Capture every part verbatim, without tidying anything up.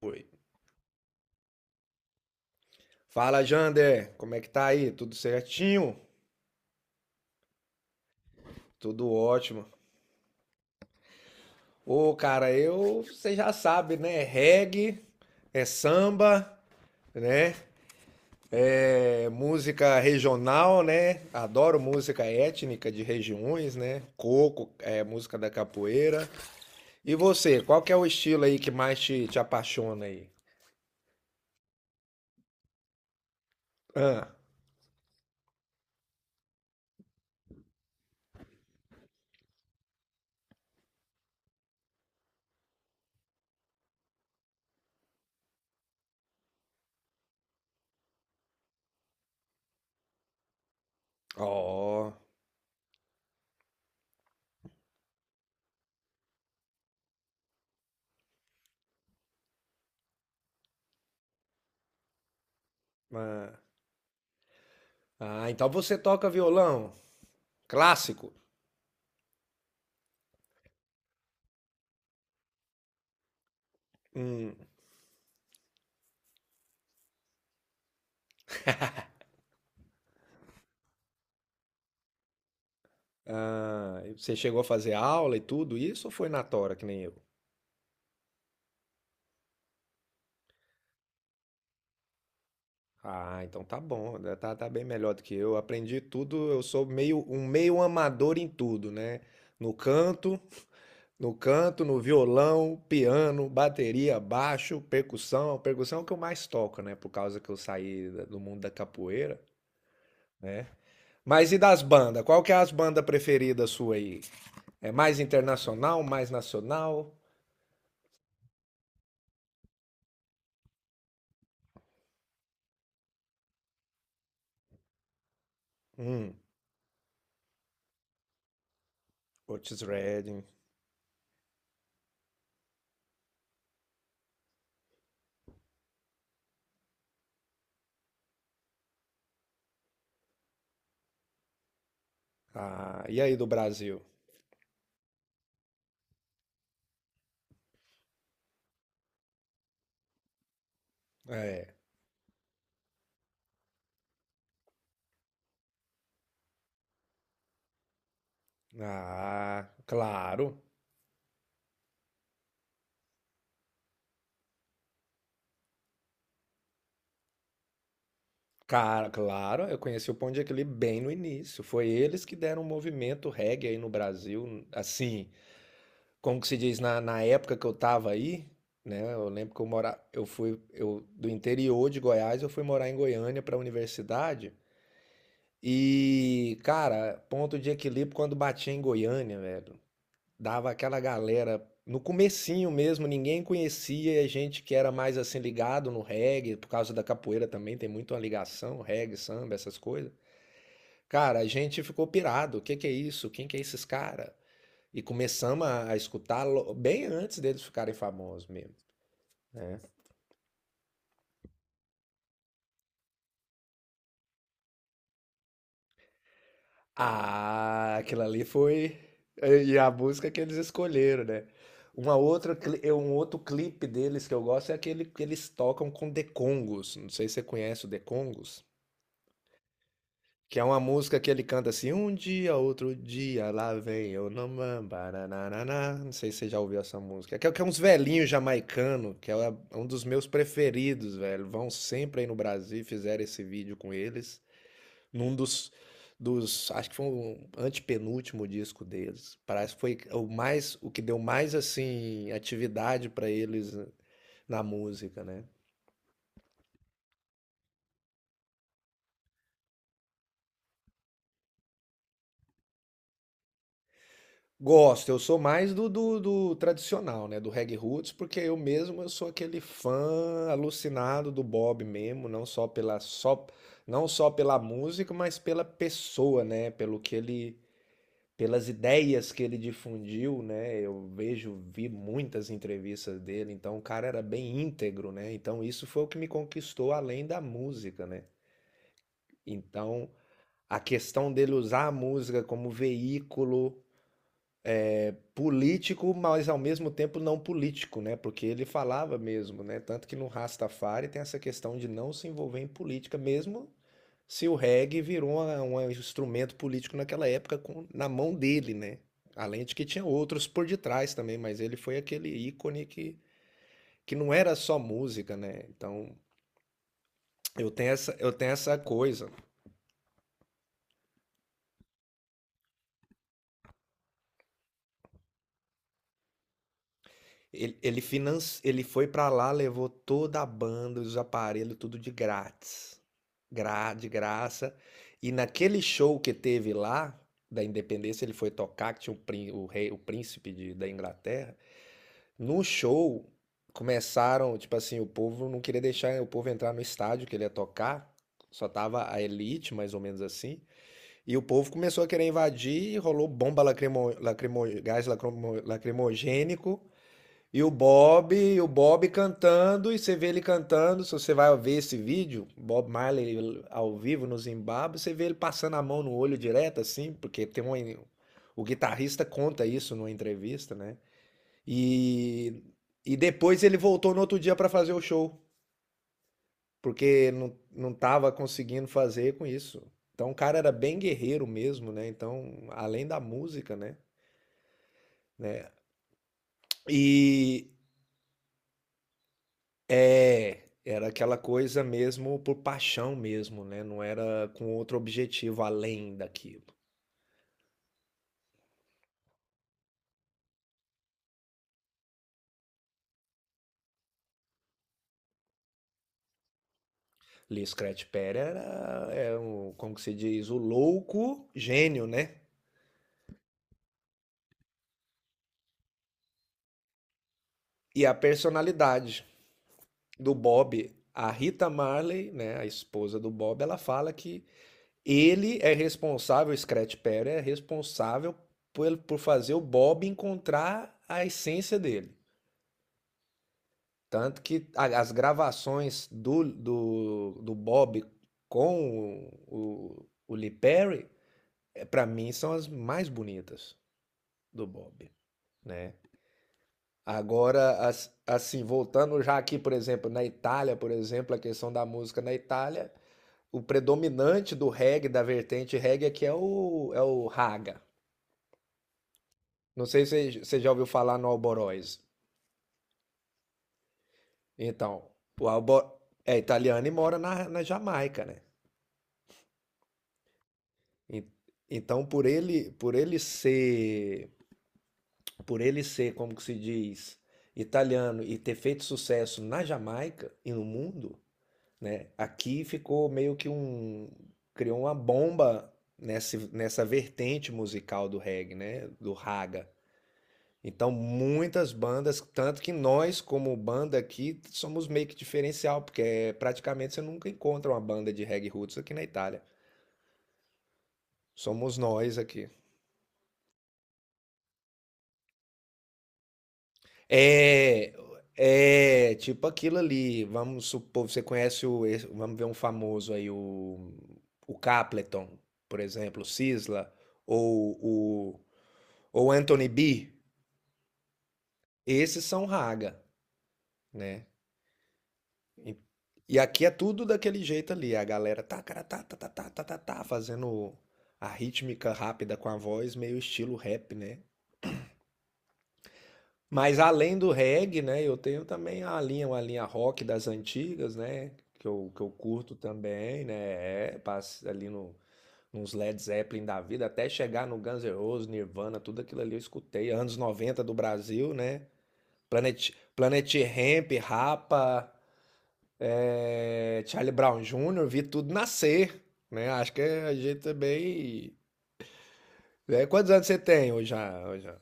Foi. Fala, Jander. Como é que tá aí? Tudo certinho? Tudo ótimo. Ô, cara, eu, você já sabe, né? É Reggae, é samba, né? É música regional, né? Adoro música étnica de regiões, né? Coco, é música da capoeira. E você, qual que é o estilo aí que mais te, te apaixona aí? Ah, ó. Ah, ah, então você toca violão clássico? Hum. Ah, e você chegou a fazer aula e tudo isso ou foi na tora que nem eu? Ah, então tá bom, né, tá, tá bem melhor do que eu. Aprendi tudo, eu sou meio um meio amador em tudo, né? No canto, no canto, no violão, piano, bateria, baixo, percussão. Percussão é o que eu mais toco, né? Por causa que eu saí da- do mundo da capoeira, né? Mas e das bandas? Qual que é as bandas preferidas sua aí? É mais internacional, mais nacional? Hum, Otis Redding. Ah, e aí do Brasil? É. Ah, claro. Cara, claro, eu conheci o Ponto de Equilíbrio bem no início. Foi eles que deram o movimento reggae aí no Brasil, assim, como que se diz, na, na época que eu tava aí, né? Eu lembro que eu mora, eu fui eu, do interior de Goiás, eu fui morar em Goiânia para a universidade. E, cara, Ponto de Equilíbrio quando batia em Goiânia, velho. Dava aquela galera no comecinho mesmo, ninguém conhecia, e a gente que era mais assim ligado no reggae, por causa da capoeira também tem muito uma ligação, reggae, samba, essas coisas. Cara, a gente ficou pirado. O que que é isso? Quem que é esses cara? E começamos a, a escutar lo- bem antes deles ficarem famosos mesmo, né? Ah, aquilo ali foi e a música que eles escolheram, né? Uma outra, cli- é um outro clipe deles que eu gosto é aquele que eles tocam com The Congos. Não sei se você conhece o The Congos. Que é uma música que ele canta assim, um dia, outro dia, lá vem eu, namam, baranananá. Não sei se você já ouviu essa música. Que é, que é uns velhinhos jamaicano, que é um dos meus preferidos, velho. Vão sempre aí no Brasil, e fizeram esse vídeo com eles, num dos, dos, acho que foi um antepenúltimo disco deles. Parece que foi o mais, o que deu mais, assim, atividade pra eles na música, né? Gosto, eu sou mais do, do, do tradicional, né? Do reggae roots, porque eu mesmo eu sou aquele fã alucinado do Bob mesmo, não só pela só, não só pela música, mas pela pessoa, né? Pelo que ele, pelas ideias que ele difundiu, né? Eu vejo, vi muitas entrevistas dele, então o cara era bem íntegro, né? Então isso foi o que me conquistou além da música, né? Então a questão dele usar a música como veículo político, mas ao mesmo tempo não político, né? Porque ele falava mesmo, né? Tanto que no Rastafari tem essa questão de não se envolver em política, mesmo se o reggae virou uma- um instrumento político naquela época com- na mão dele, né? Além de que tinha outros por detrás também, mas ele foi aquele ícone que, que não era só música, né? Então eu tenho essa, eu tenho essa coisa. Ele, ele, finan... ele foi pra lá, levou toda a banda, os aparelhos, tudo de grátis. Gra... De graça. E naquele show que teve lá, da Independência, ele foi tocar, que tinha o, prín... o rei, o príncipe de... da Inglaterra. No show, começaram, tipo assim, o povo não queria deixar o povo entrar no estádio que ele ia tocar. Só tava a elite, mais ou menos assim. E o povo começou a querer invadir, rolou bomba lacrimo... Lacrimo... gás lacrimo... lacrimogênico. E o Bob, e o Bob cantando, e você vê ele cantando. Se você vai ver esse vídeo, Bob Marley ao vivo no Zimbábue, você vê ele passando a mão no olho direto, assim, porque tem uma, o guitarrista conta isso numa entrevista, né? E, e depois ele voltou no outro dia para fazer o show, porque não, não tava conseguindo fazer com isso. Então o cara era bem guerreiro mesmo, né? Então, além da música, né? né? E, É, era aquela coisa mesmo por paixão mesmo, né, não era com outro objetivo além daquilo. Lee Scratch Perry era é o como que se diz? O louco gênio, né, e a personalidade do Bob, a Rita Marley, né, a esposa do Bob, ela fala que ele é responsável, o Scratch Perry é responsável por por fazer o Bob encontrar a essência dele. Tanto que a- as gravações do, do, do Bob com o, o, o Lee Perry, para mim, são as mais bonitas do Bob, né? Agora, as- assim, voltando já aqui, por exemplo, na Itália, por exemplo, a questão da música na Itália, o predominante do reggae, da vertente reggae, aqui é o, é o raga. Não sei se você já ouviu falar no Alborós. Então, o Albo é italiano e mora na, na Jamaica, né? En- Então, por ele, por ele ser, por ele ser, como que se diz, italiano e ter feito sucesso na Jamaica e no mundo, né? Aqui ficou meio que um, criou uma bomba nessa, nessa vertente musical do reggae, né? Do raga. Então, muitas bandas, tanto que nós, como banda aqui, somos meio que diferencial, porque é, praticamente você nunca encontra uma banda de reggae roots aqui na Itália. Somos nós aqui. É, é tipo aquilo ali. Vamos supor, você conhece o, esse- vamos ver um famoso aí, o, o Capleton, por exemplo, o Sisla, ou o ou Anthony B. Esses são raga, né? E, e aqui é tudo daquele jeito ali. A galera tá, cara, tá, tá, tá, tá, tá, tá, tá, fazendo a rítmica rápida com a voz, meio estilo rap, né? Mas além do reggae, né, eu tenho também a linha, uma linha rock das antigas, né, que eu, que eu curto também, né, é, passa ali no, nos Led Zeppelin da vida, até chegar no Guns N' Roses, Nirvana, tudo aquilo ali eu escutei, anos noventa do Brasil, né, Planet, Planet Hemp, Rapa, é, Charlie Brown júnior, vi tudo nascer, né, acho que a gente também... né, quantos anos você tem hoje, já?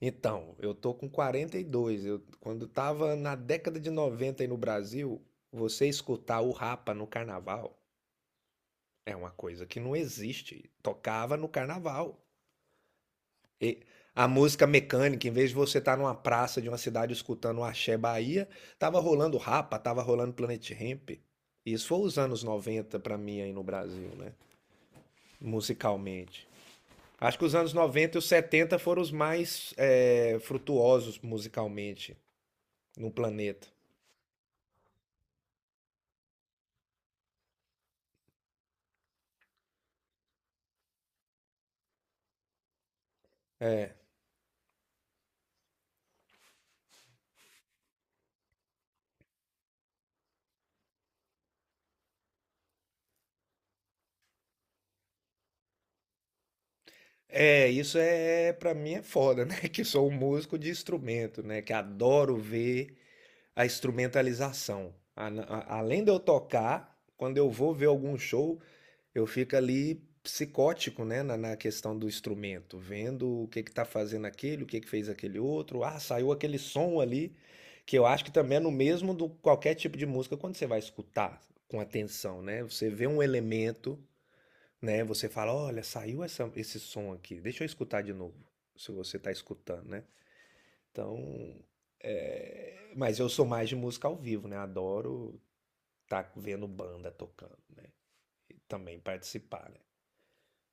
Então, eu tô com quarenta e dois. Eu, quando tava na década de noventa aí no Brasil, você escutar o Rapa no carnaval é uma coisa que não existe. Tocava no carnaval. E a música mecânica, em vez de você estar numa praça de uma cidade escutando o Axé Bahia, tava rolando Rapa, tava rolando Planet Hemp. Isso foi os anos noventa pra mim aí no Brasil, né? Musicalmente. Acho que os anos noventa e os setenta foram os mais eh, frutuosos musicalmente no planeta. É, isso é pra mim é foda, né? Que sou um músico de instrumento, né? Que adoro ver a instrumentalização. A- a- Além de eu tocar, quando eu vou ver algum show, eu fico ali psicótico, né? Na, na questão do instrumento, vendo o que que tá fazendo aquele, o que que fez aquele outro. Ah, saiu aquele som ali, que eu acho que também é no mesmo do qualquer tipo de música quando você vai escutar com atenção, né? Você vê um elemento né, você fala: "Olha, saiu essa esse som aqui, deixa eu escutar de novo", se você tá escutando, né. Então, eh, mas eu sou mais de música ao vivo, né, adoro tá vendo banda tocando, né, e também participar, né,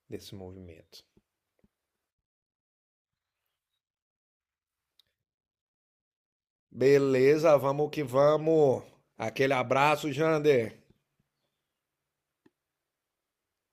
desse movimento. Beleza, vamos que vamos. Aquele abraço, Jander.